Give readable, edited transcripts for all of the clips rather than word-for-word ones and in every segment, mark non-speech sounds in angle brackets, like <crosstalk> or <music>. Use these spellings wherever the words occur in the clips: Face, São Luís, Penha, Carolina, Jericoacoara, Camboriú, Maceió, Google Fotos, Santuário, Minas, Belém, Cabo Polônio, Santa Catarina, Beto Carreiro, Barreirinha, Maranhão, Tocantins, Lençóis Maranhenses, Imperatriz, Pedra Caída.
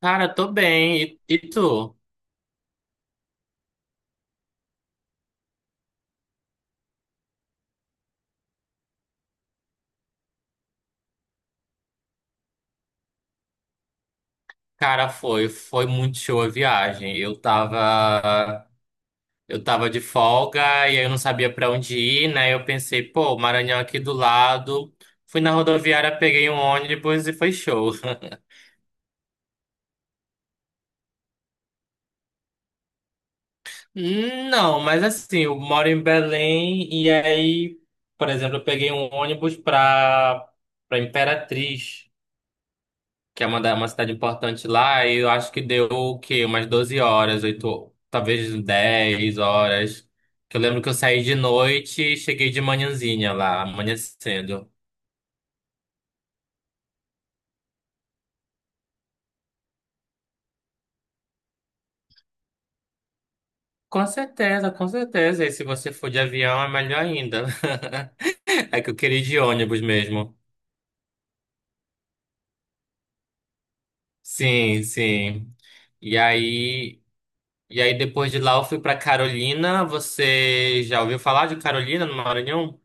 Cara, tô bem. E tu? Cara, foi muito show a viagem. Eu tava de folga e aí eu não sabia pra onde ir, né? Eu pensei, pô, Maranhão aqui do lado. Fui na rodoviária, peguei um ônibus e foi show. <laughs> Não, mas assim, eu moro em Belém e aí, por exemplo, eu peguei um ônibus pra Imperatriz. Que é uma cidade importante lá, e eu acho que deu o quê? Umas 12 horas, 8, talvez 10 horas. Que eu lembro que eu saí de noite e cheguei de manhãzinha lá, amanhecendo. Com certeza, com certeza. E se você for de avião, é melhor ainda. <laughs> É que eu queria ir de ônibus mesmo. Sim, sim. E aí, e aí, depois de lá eu fui pra Carolina. Você já ouviu falar de Carolina no Maranhão?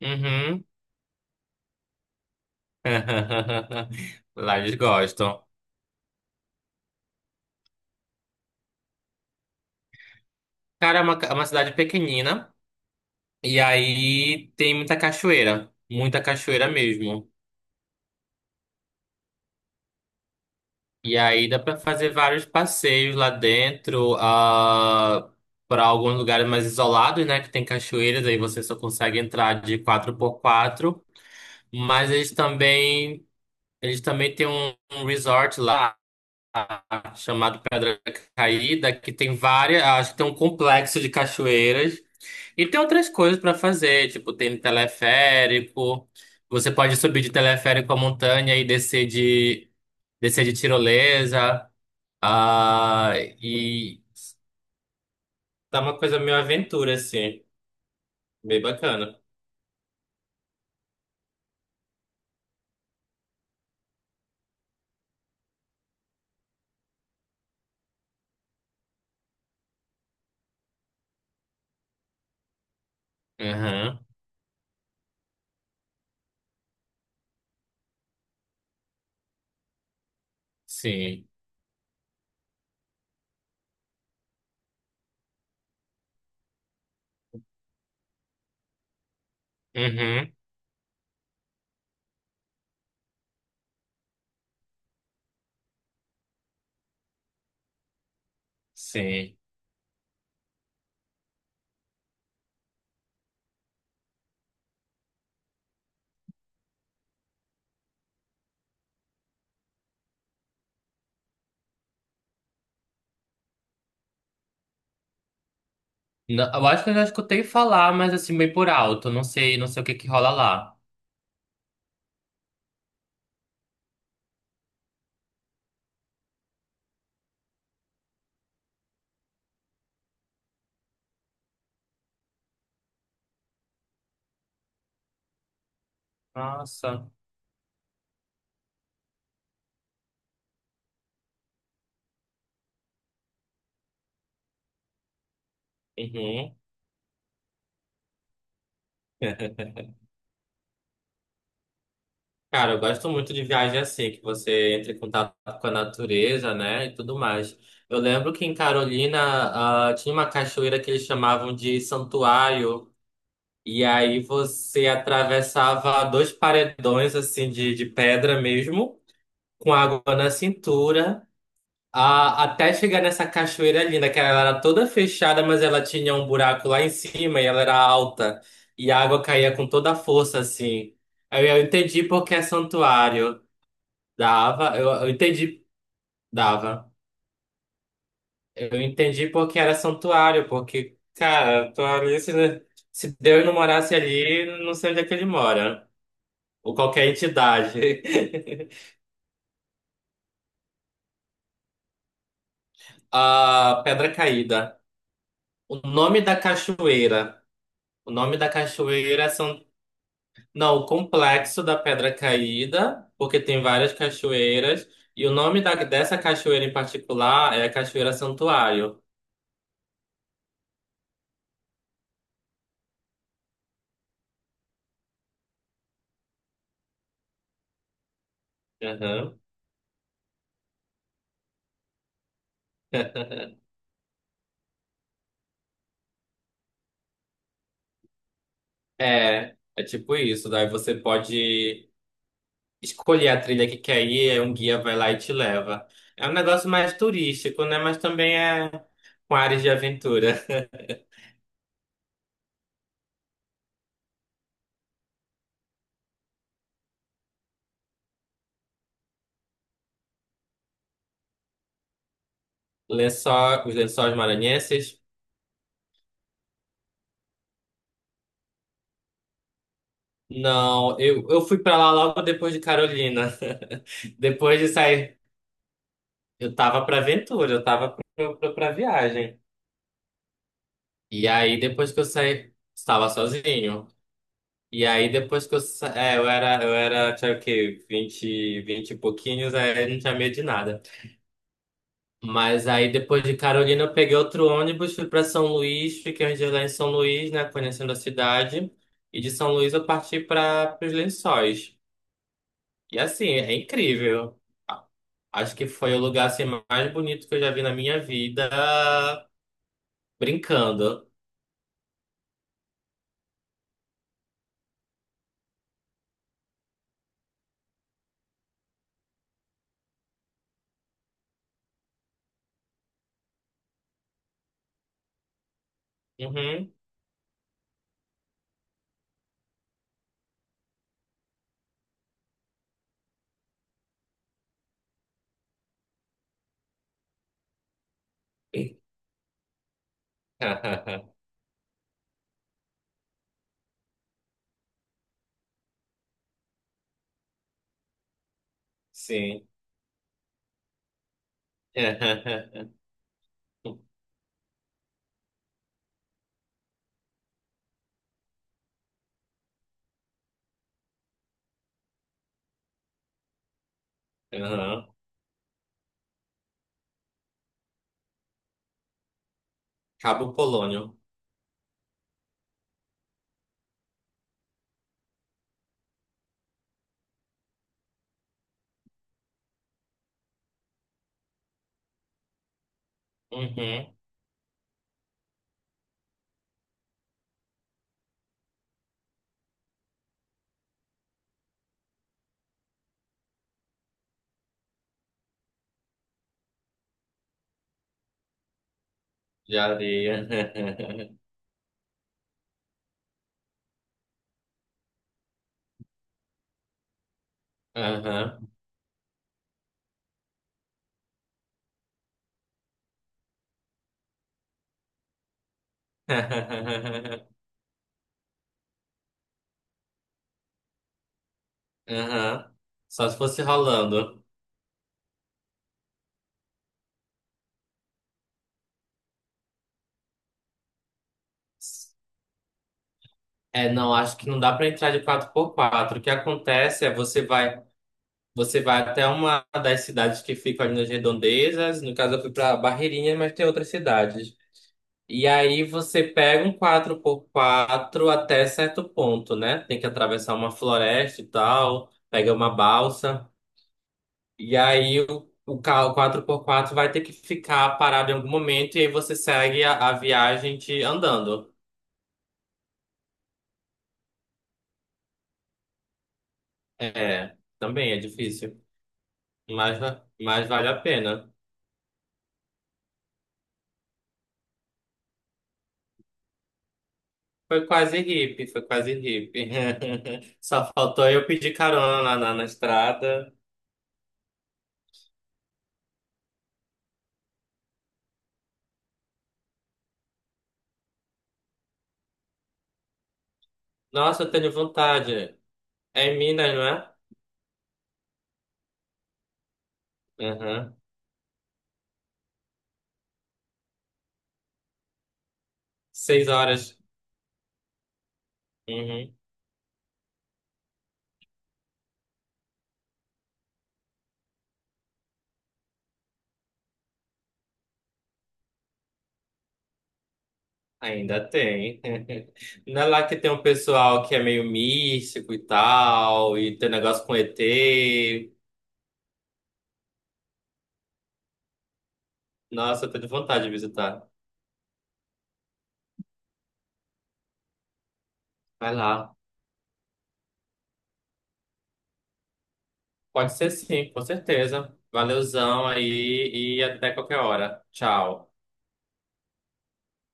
Uhum. <laughs> Lá eles gostam. Cara, é uma cidade pequenina e aí tem muita cachoeira mesmo. E aí dá pra fazer vários passeios lá dentro, para alguns lugares mais isolados, né, que tem cachoeiras, aí você só consegue entrar de quatro por quatro. Mas eles também têm um resort lá chamado Pedra Caída, que tem várias, acho que tem um complexo de cachoeiras. E tem outras coisas para fazer, tipo, tem teleférico. Você pode subir de teleférico a montanha e descer de tirolesa. Ah, e tá uma coisa meio aventura assim, bem bacana. Uhum, sim. Uhum, sim. Não, eu acho que eu já escutei falar, mas assim bem por alto, não sei, não sei o que que rola lá. Nossa. Uhum. <laughs> Cara, eu gosto muito de viagem assim, que você entra em contato com a natureza, né, e tudo mais. Eu lembro que em Carolina, tinha uma cachoeira que eles chamavam de Santuário, e aí você atravessava dois paredões, assim, de pedra mesmo, com água na cintura, até chegar nessa cachoeira linda, que ela era toda fechada, mas ela tinha um buraco lá em cima e ela era alta, e a água caía com toda a força, assim. Aí eu entendi porque é santuário. Dava, eu entendi, dava. Eu entendi porque era santuário, porque, cara, tô ali, se Deus não morasse ali, não sei onde é que ele mora. Ou qualquer entidade. <laughs> A Pedra Caída. O nome da cachoeira. O nome da cachoeira são. Não, o complexo da Pedra Caída, porque tem várias cachoeiras. E o nome dessa cachoeira em particular é a Cachoeira Santuário. Aham. <laughs> É tipo isso. Daí você pode escolher a trilha que quer ir, aí um guia vai lá e te leva. É um negócio mais turístico, né? Mas também é com áreas de aventura. <laughs> Lençóis, os Lençóis Maranhenses? Não, eu fui pra lá logo depois de Carolina. <laughs> Depois de sair, eu tava pra aventura, eu tava pra viagem. E aí, depois que eu saí, estava sozinho. E aí depois que eu, sa- é, eu era, tinha o quê? Vinte 20 e pouquinhos, aí eu não tinha medo de nada. Mas aí depois de Carolina eu peguei outro ônibus, fui para São Luís, fiquei uns dias lá em São Luís, né, conhecendo a cidade. E de São Luís eu parti para os Lençóis. E assim, é incrível. Acho que foi o lugar assim, mais bonito que eu já vi na minha vida, brincando. Uhum. <laughs> Sim. <laughs> Uhum. Cabo Polônio. Uhum. De areia. <laughs> Aham. <laughs> Aham. Só se fosse rolando. É, não, acho que não dá para entrar de quatro por quatro. O que acontece é você vai até uma das cidades que ficam ali nas redondezas. No caso, eu fui para Barreirinha, mas tem outras cidades. E aí você pega um quatro por quatro até certo ponto, né? Tem que atravessar uma floresta e tal, pega uma balsa. E aí o carro quatro por quatro vai ter que ficar parado em algum momento e aí você segue a viagem de andando. É, também é difícil, mas, vale a pena. Foi quase hippie, foi quase hippie. <laughs> Só faltou eu pedir carona na, na estrada. Nossa, eu tenho vontade. É em Minas, não é? Aham. 6 horas. Uhum. Ainda tem. <laughs> Não é lá que tem um pessoal que é meio místico e tal, e tem negócio com ET. Nossa, eu tô de vontade de visitar. Vai lá. Pode ser sim, com certeza. Valeuzão aí e até qualquer hora. Tchau.